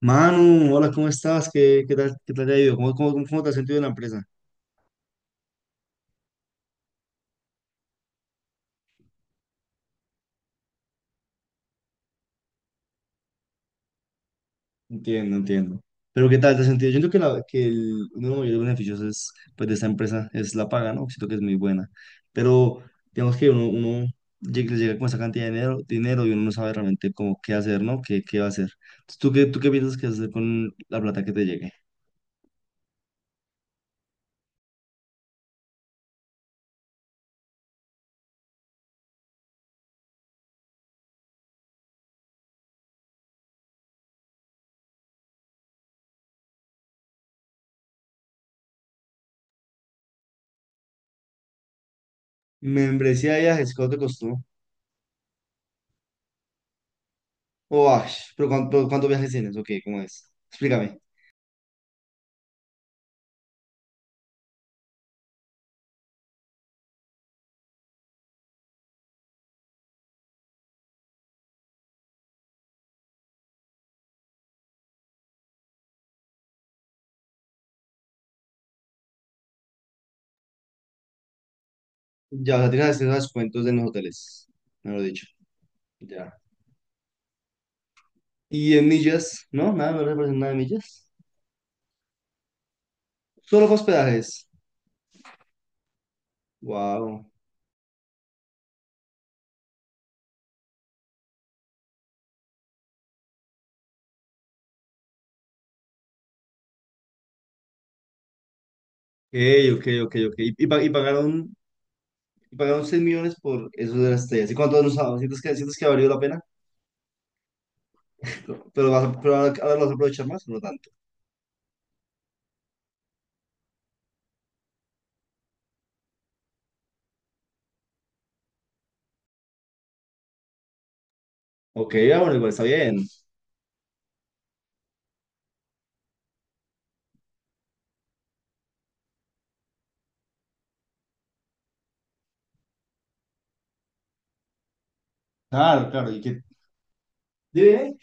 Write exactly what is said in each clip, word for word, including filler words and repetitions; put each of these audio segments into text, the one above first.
Manu, hola, ¿cómo estás? ¿Qué, qué tal, qué tal te ha ido? ¿Cómo, cómo, cómo te has sentido en la empresa? Entiendo, entiendo. Pero ¿qué tal te has sentido? Yo siento que, la, que el, uno de los mayores beneficios es, pues, de esta empresa es la paga, ¿no? Siento que es muy buena. Pero digamos que uno, uno llega, llega con esa cantidad de dinero, dinero y uno no sabe realmente cómo qué hacer, ¿no? ¿Qué, qué va a hacer? Entonces, ¿tú qué, tú qué piensas que hacer con la plata que te llegue? Membresía de viajes, ¿cuánto te costó? Oh, ay, pero ¿cuánto, cuántos viajes tienes? Ok, ¿cómo es? Explícame. Ya, o sea, tienes acceso a descuentos en los hoteles, me lo he dicho. Ya. Y en millas, ¿no? Nada, no representan nada de millas. Solo fue hospedajes. Wow. Ok, ok, ok, ok. Y, y pa- y pagaron, y pagaron seis millones por eso de las estrellas. ¿Y cuánto nos ha- ¿Sientes que, sientes que ha valido la pena? No, pero, vas a, pero ahora ahora lo vas a aprovechar más, no tanto. Ok, ah, bueno, igual está bien. Claro, claro. ¿Y qué? Dime,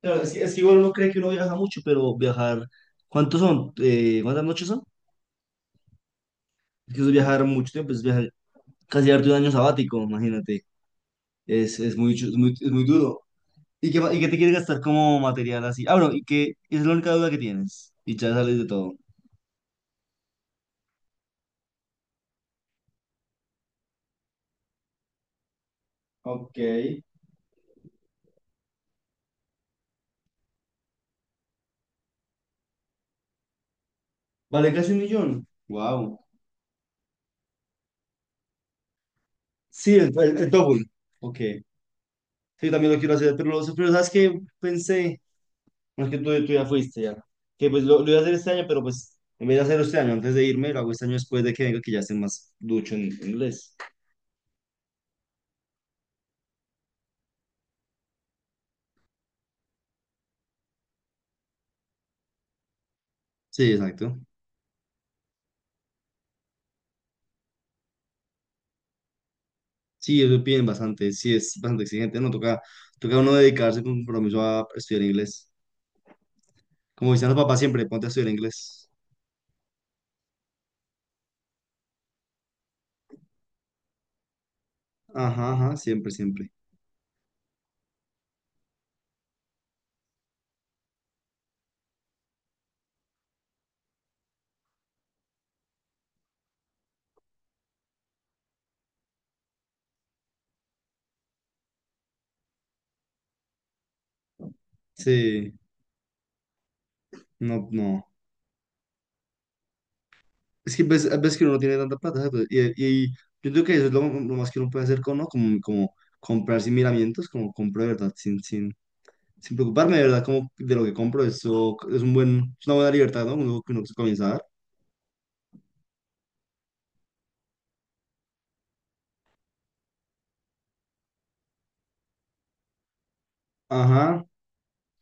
claro, es que, es que igual uno cree que uno viaja mucho, pero viajar. ¿Cuántos son? Eh, ¿cuántas noches son? Es que eso es viajar mucho tiempo, es viajar casi darte un año sabático, imagínate. Es, es muy, chu- es muy, es muy duro. ¿Y qué, ma- y qué te quieres gastar como material así? Ah, bueno, y que es la única duda que tienes. Y ya sales de todo. Ok. Vale, casi un millón. Wow. Sí, el, el, el double. Ok. Sí, yo también lo quiero hacer, pero, lo- pero ¿sabes qué? Pensé, no es que tú, tú ya fuiste ya, que pues lo, lo iba a hacer este año, pero pues en vez de hacerlo este año, antes de irme, lo hago este año después de que venga, que ya esté más ducho en inglés. Sí, exacto. Sí, eso piden bastante, sí es bastante exigente, ¿no? Toca, toca uno dedicarse con compromiso a estudiar inglés. Como dicen los papás siempre, ponte a estudiar inglés. Ajá, ajá, siempre, siempre. Sí, no, no. Es que ves, ves que uno no tiene tanta plata, ¿sabes? Pues, Y, y yo creo que eso es lo, lo más que uno puede hacer con, ¿no? Como, como comprar sin miramientos, como compro de verdad, sin, sin, sin preocuparme de verdad como de lo que compro. Eso es un buen, es una buena libertad, ¿no? Uno, que uno se comienza a dar. Ajá,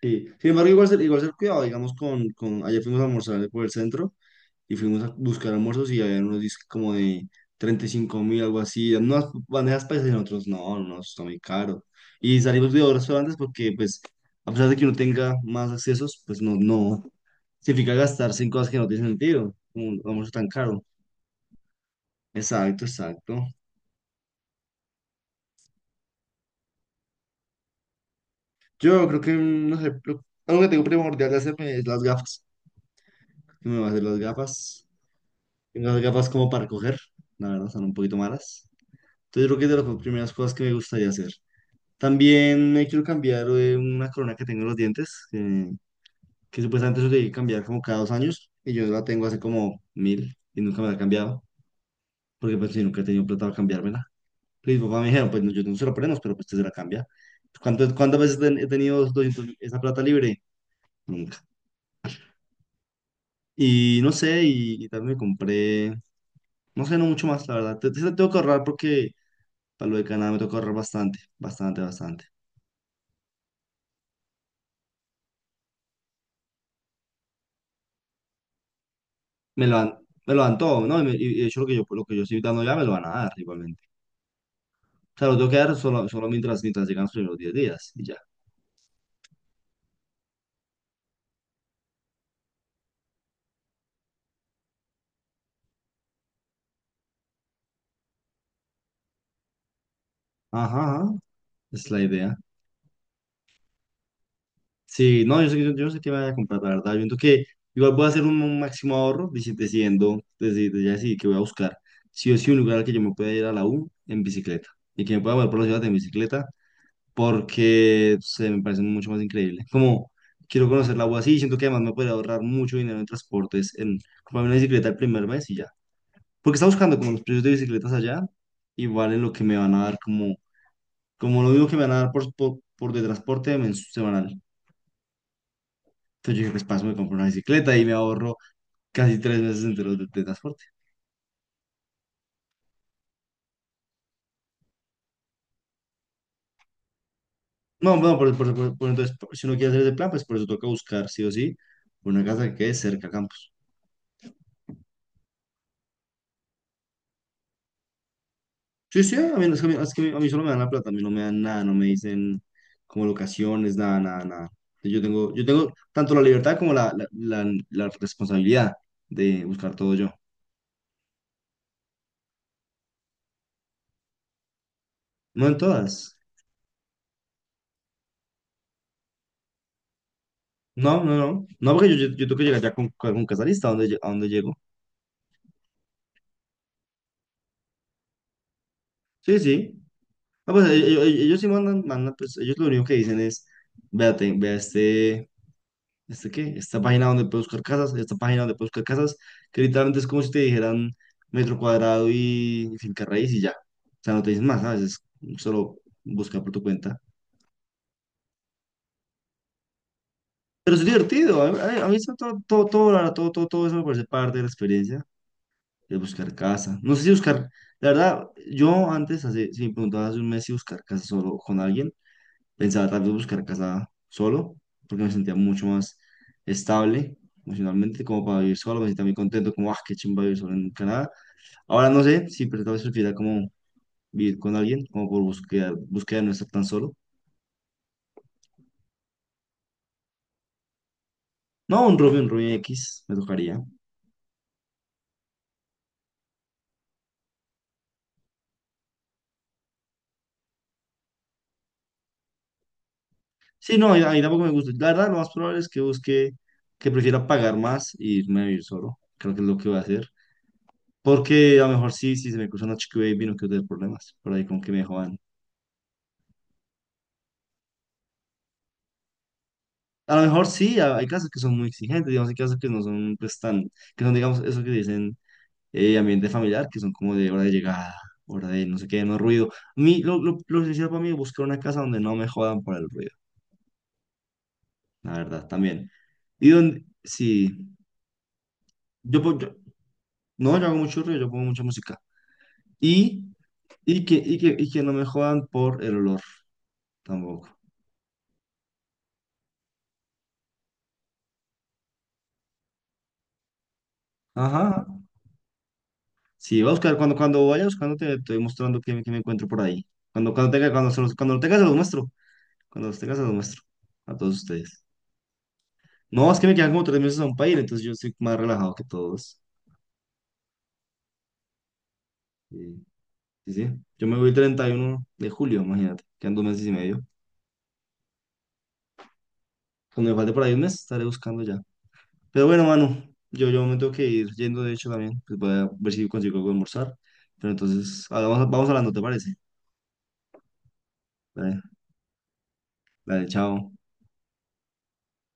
sí. Sin embargo, igual ser, igual ser cuidado, digamos, con, con, ayer fuimos a almorzar por el centro. Y fuimos a buscar almuerzos y había unos discos como de treinta y cinco mil, algo así, unas bandejas paisas y nosotros, no, no, eso está muy caro. Y salimos de dos restaurantes porque, pues, a pesar de que uno tenga más accesos, pues no, no, significa gastarse en cosas que no tienen sentido, como un almuerzo tan caro. Exacto, exacto. Yo creo que, no sé, lo- algo que tengo primordial de hacerme es las gafas. Yo me voy a hacer las gafas. Tengo las gafas como para coger, la verdad, son un poquito malas. Entonces, yo creo que es de las primeras cosas que me gustaría hacer. También me quiero cambiar eh, una corona que tengo en los dientes, eh, que supuestamente eso debí cambiar como cada dos años, y yo la tengo hace como mil y nunca me la he cambiado, porque pues yo nunca he tenido plata para cambiármela. Y mis papás me dijeron, pues no, yo no se la ponemos, pero pues usted se la cambia. ¿Cuántas, cuántas veces ten- he tenido doscientos esa plata libre? Nunca. Y no sé, y, y también me compré, no sé, no mucho más, la verdad. Te, te- tengo que ahorrar porque para lo de Canadá me toca ahorrar bastante, bastante, bastante. me lo dan, me lo dan todo, ¿no? Y, me- y- de hecho lo que yo, lo que yo estoy dando ya me lo van a dar igualmente. O sea, lo tengo que dar solo, solo mientras, mientras llegan los primeros diez días y ya. Ajá, ajá, es la idea. Sí, no, yo sé, que- yo, yo sé que me voy a comprar, la verdad. Yo siento que igual voy a hacer un, un máximo ahorro deci- decidiendo, desde ya decidí que voy a buscar sí o sí un lugar al que yo me pueda ir a la U en bicicleta y que me pueda mover por la ciudad en bicicleta porque se me parece mucho más increíble. Como quiero conocer la U así, siento que además me podría ahorrar mucho dinero en transportes, en comprarme una bicicleta el primer mes y ya. Porque está buscando como los precios de bicicletas allá, igual en lo que me van a dar como, como lo mismo que me van a dar por, por, por de transporte mens- semanal. Entonces yo dije, pues paso, me compro una bicicleta y me ahorro casi tres meses enteros de, de transporte. No, bueno, por, por, por- por- entonces, por- si uno quiere hacer ese plan, pues por eso toca buscar sí o sí una casa que quede cerca a Campos. Sí, sí, a mí, es que a mí, es que a mí solo me dan la plata, a mí no me dan nada, no me dicen como locaciones, nada, nada, nada. Yo tengo, yo tengo tanto la libertad como la, la, la- la responsabilidad de buscar todo yo. No en todas. No, no, no. No, porque yo, yo, yo tengo que llegar ya con, con casalista, ¿a dónde, lle- a dónde llego? Sí, sí. Ah, pues ellos, ellos sí mandan, mandan, pues ellos lo único que dicen es, véate, vea este. ¿Este qué? Esta página donde puedo buscar casas, esta página donde puedo buscar casas, que literalmente es como si te dijeran metro cuadrado y finca raíz y ya. O sea, no te dicen más, ¿sabes? Es solo buscar por tu cuenta. Pero es divertido, a mí, a mí- a mí eso todo, todo, todo, la verdad, todo, todo, todo eso me parece parte de la experiencia, de buscar casa. No sé si buscar, la verdad, yo antes, hace, si me preguntabas hace un mes si buscar casa solo con alguien, pensaba tal vez buscar casa solo, porque me sentía mucho más estable emocionalmente, como para vivir solo, me sentía muy contento, como, ah, qué chimba vivir solo en Canadá. Ahora no sé, sí, pero tal vez prefiera como vivir con alguien, como por buscar, búsqueda de no estar tan solo. No, un roomie, un roomie X, me tocaría. Sí, no, ahí ahí tampoco me gusta. La verdad, lo más probable es que busque, que prefiera pagar más y irme a vivir solo. Creo que es lo que voy a hacer. Porque a lo mejor sí, si se me cruza una chica baby, no quiero tener problemas. Por ahí con que me jodan. A lo mejor sí, ha- hay casas que son muy exigentes, digamos, hay casas que no son pues tan, que son, digamos, eso que dicen eh, ambiente familiar, que son como de hora de llegada, hora de no sé qué, no ruido. A mí, lo, lo, lo esencial para mí es buscar una casa donde no me jodan por el ruido, la verdad, también. Y donde, sí, yo, pon- yo- no, yo hago mucho ruido, yo pongo mucha música. Y, y que, y que, y que no me jodan por el olor, tampoco. Ajá. Sí, voy a buscar, cuando, cuando vaya buscando te, te voy mostrando qué, qué me encuentro por ahí. Cuando, cuando tenga, cuando, se los- cuando lo tenga se los muestro. Cuando los tengas se los muestro a todos ustedes. No, es que me quedan como tres meses aún para ir, entonces yo estoy más relajado que todos. Y- Sí, sí, yo me voy el treinta y uno de julio, imagínate. Quedan dos meses y medio. Cuando me falte por ahí un mes, estaré buscando ya. Pero bueno, mano, yo, yo me tengo que ir yendo, de hecho, también. Pues voy a ver si consigo algo de almorzar. Pero entonces, ah, vamos, vamos hablando, ¿te parece? Dale, dale, chao.